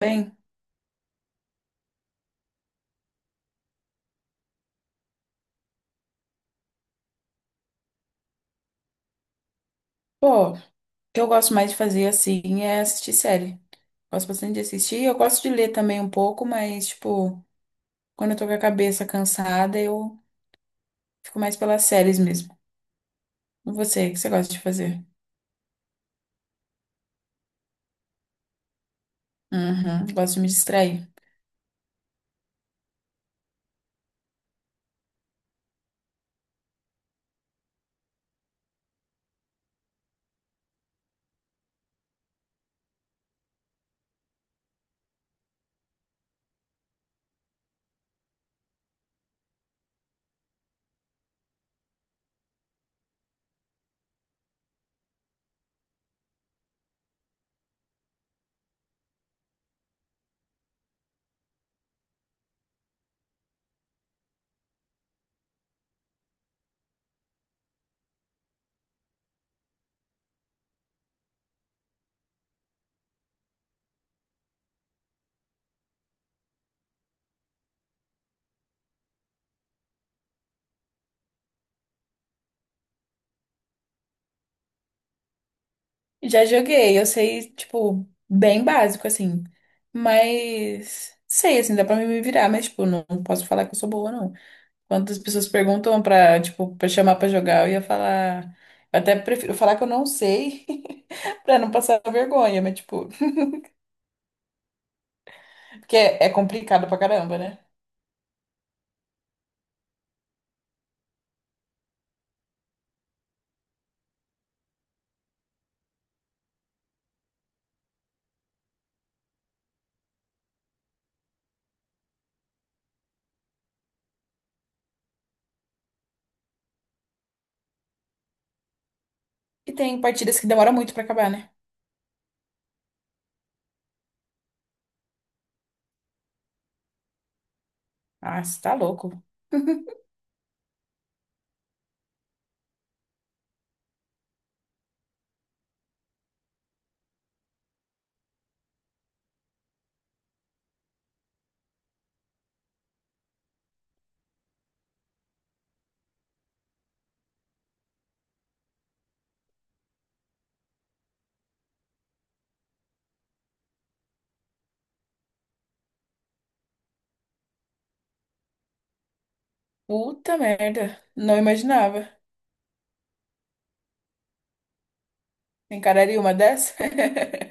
Bem, pô, o que eu gosto mais de fazer assim é assistir série. Gosto bastante de assistir. Eu gosto de ler também um pouco, mas, tipo, quando eu tô com a cabeça cansada, eu fico mais pelas séries mesmo. E você, o que você gosta de fazer? Uhum, gosto de me distrair. Já joguei, eu sei, tipo, bem básico, assim. Mas sei, assim, dá pra me virar, mas, tipo, não posso falar que eu sou boa, não. Quando as pessoas perguntam pra, tipo, pra chamar pra jogar, eu ia falar. Eu até prefiro falar que eu não sei, pra não passar vergonha, mas, tipo, porque é, é complicado pra caramba, né? E tem partidas que demoram muito pra acabar, né? Ah, você tá louco. Puta merda. Não imaginava. Encararia uma dessa?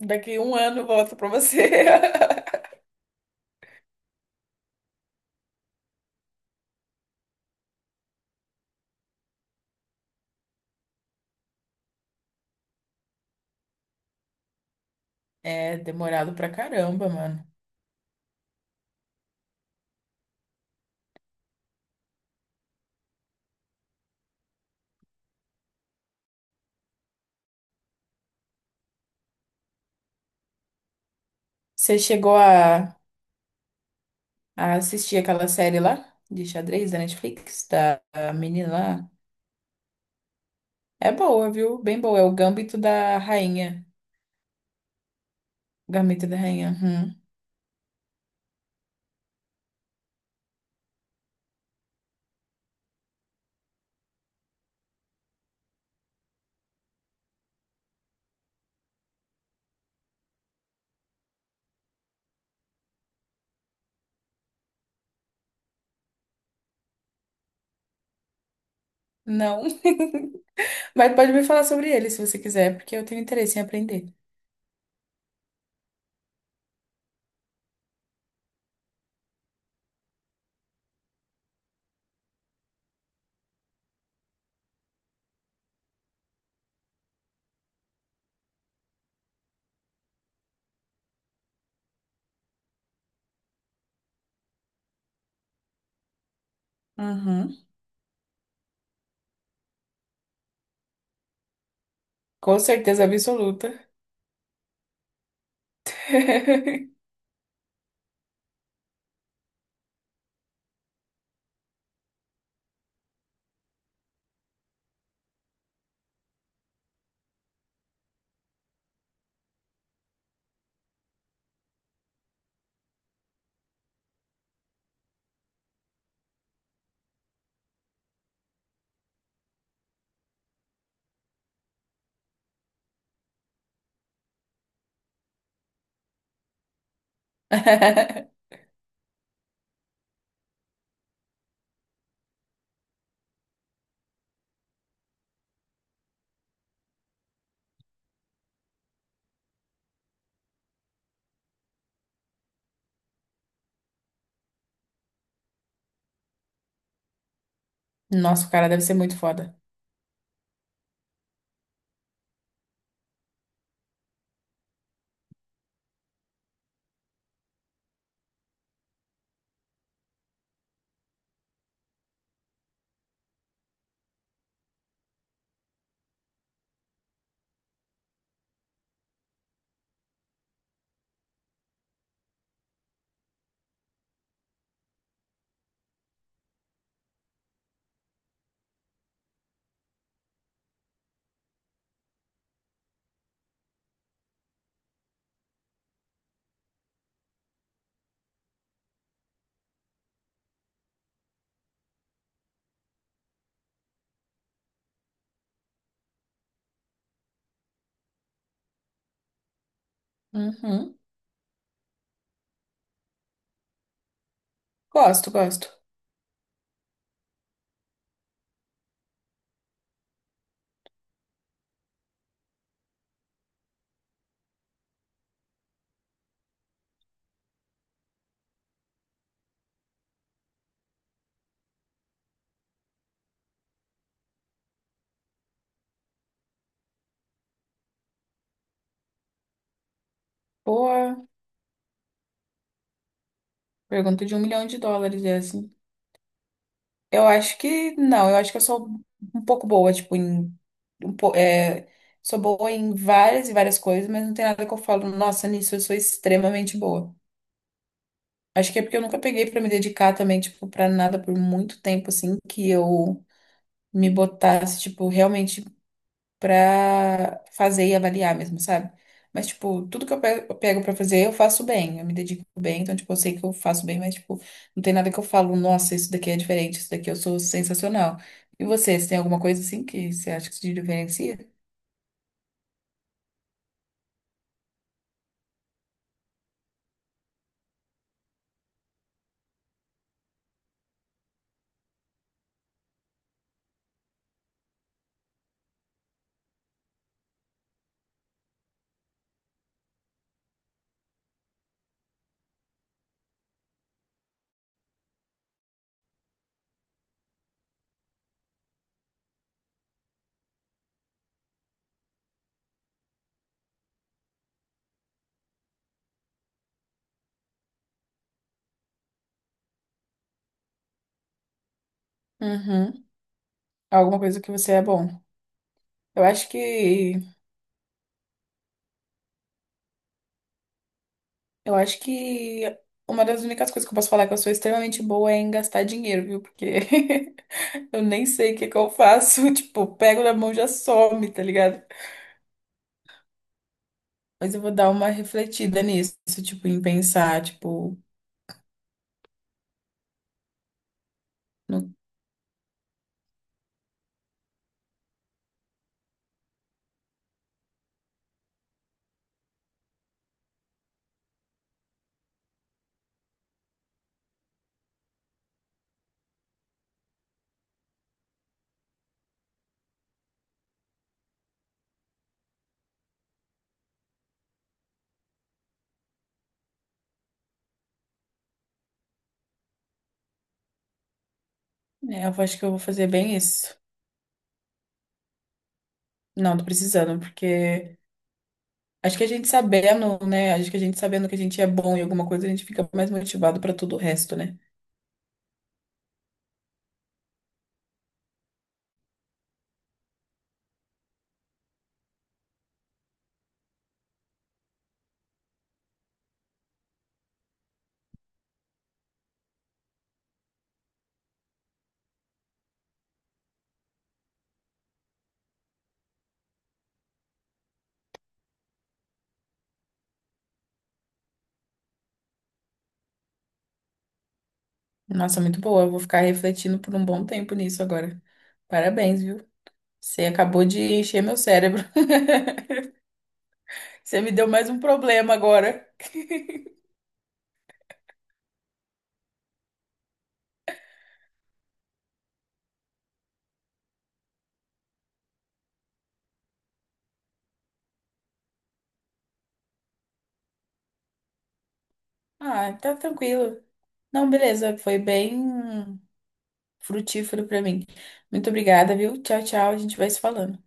Daqui um ano eu volto pra você. É demorado pra caramba, mano. Você chegou a assistir aquela série lá de xadrez da Netflix, da menina lá. É boa, viu? Bem boa. É o Gambito da Rainha. Gambito da Rainha. Uhum. Não. Mas pode me falar sobre ele se você quiser, porque eu tenho interesse em aprender. Uhum. Com certeza absoluta. Nossa, o cara deve ser muito foda. Uhum. Gosto, gosto. Boa. Pergunta de US$ 1 milhão, é assim. Eu acho que não, eu acho que eu sou um pouco boa, tipo, em, um po- é, sou boa em várias e várias coisas, mas não tem nada que eu falo, nossa, nisso eu sou extremamente boa. Acho que é porque eu nunca peguei pra me dedicar também, tipo, pra nada por muito tempo, assim, que eu me botasse, tipo, realmente pra fazer e avaliar mesmo, sabe? Mas, tipo, tudo que eu pego pra fazer, eu faço bem, eu me dedico bem, então, tipo, eu sei que eu faço bem, mas, tipo, não tem nada que eu falo, nossa, isso daqui é diferente, isso daqui eu sou sensacional. E você, você tem alguma coisa assim que você acha que se diferencia? Uhum. Alguma coisa que você é bom. Eu acho que, eu acho que uma das únicas coisas que eu posso falar que eu sou extremamente boa é em gastar dinheiro, viu? Porque eu nem sei o que que eu faço, tipo, pego na mão e já some, tá ligado? Mas eu vou dar uma refletida nisso, tipo, em pensar, tipo, no... É, eu acho que eu vou fazer bem isso. Não, tô precisando, porque acho que a gente sabendo, né? Acho que a gente sabendo que a gente é bom em alguma coisa, a gente fica mais motivado pra tudo o resto, né? Nossa, muito boa. Eu vou ficar refletindo por um bom tempo nisso agora. Parabéns, viu? Você acabou de encher meu cérebro. Você me deu mais um problema agora. Ah, tá tranquilo. Não, beleza, foi bem frutífero pra mim. Muito obrigada, viu? Tchau, tchau. A gente vai se falando.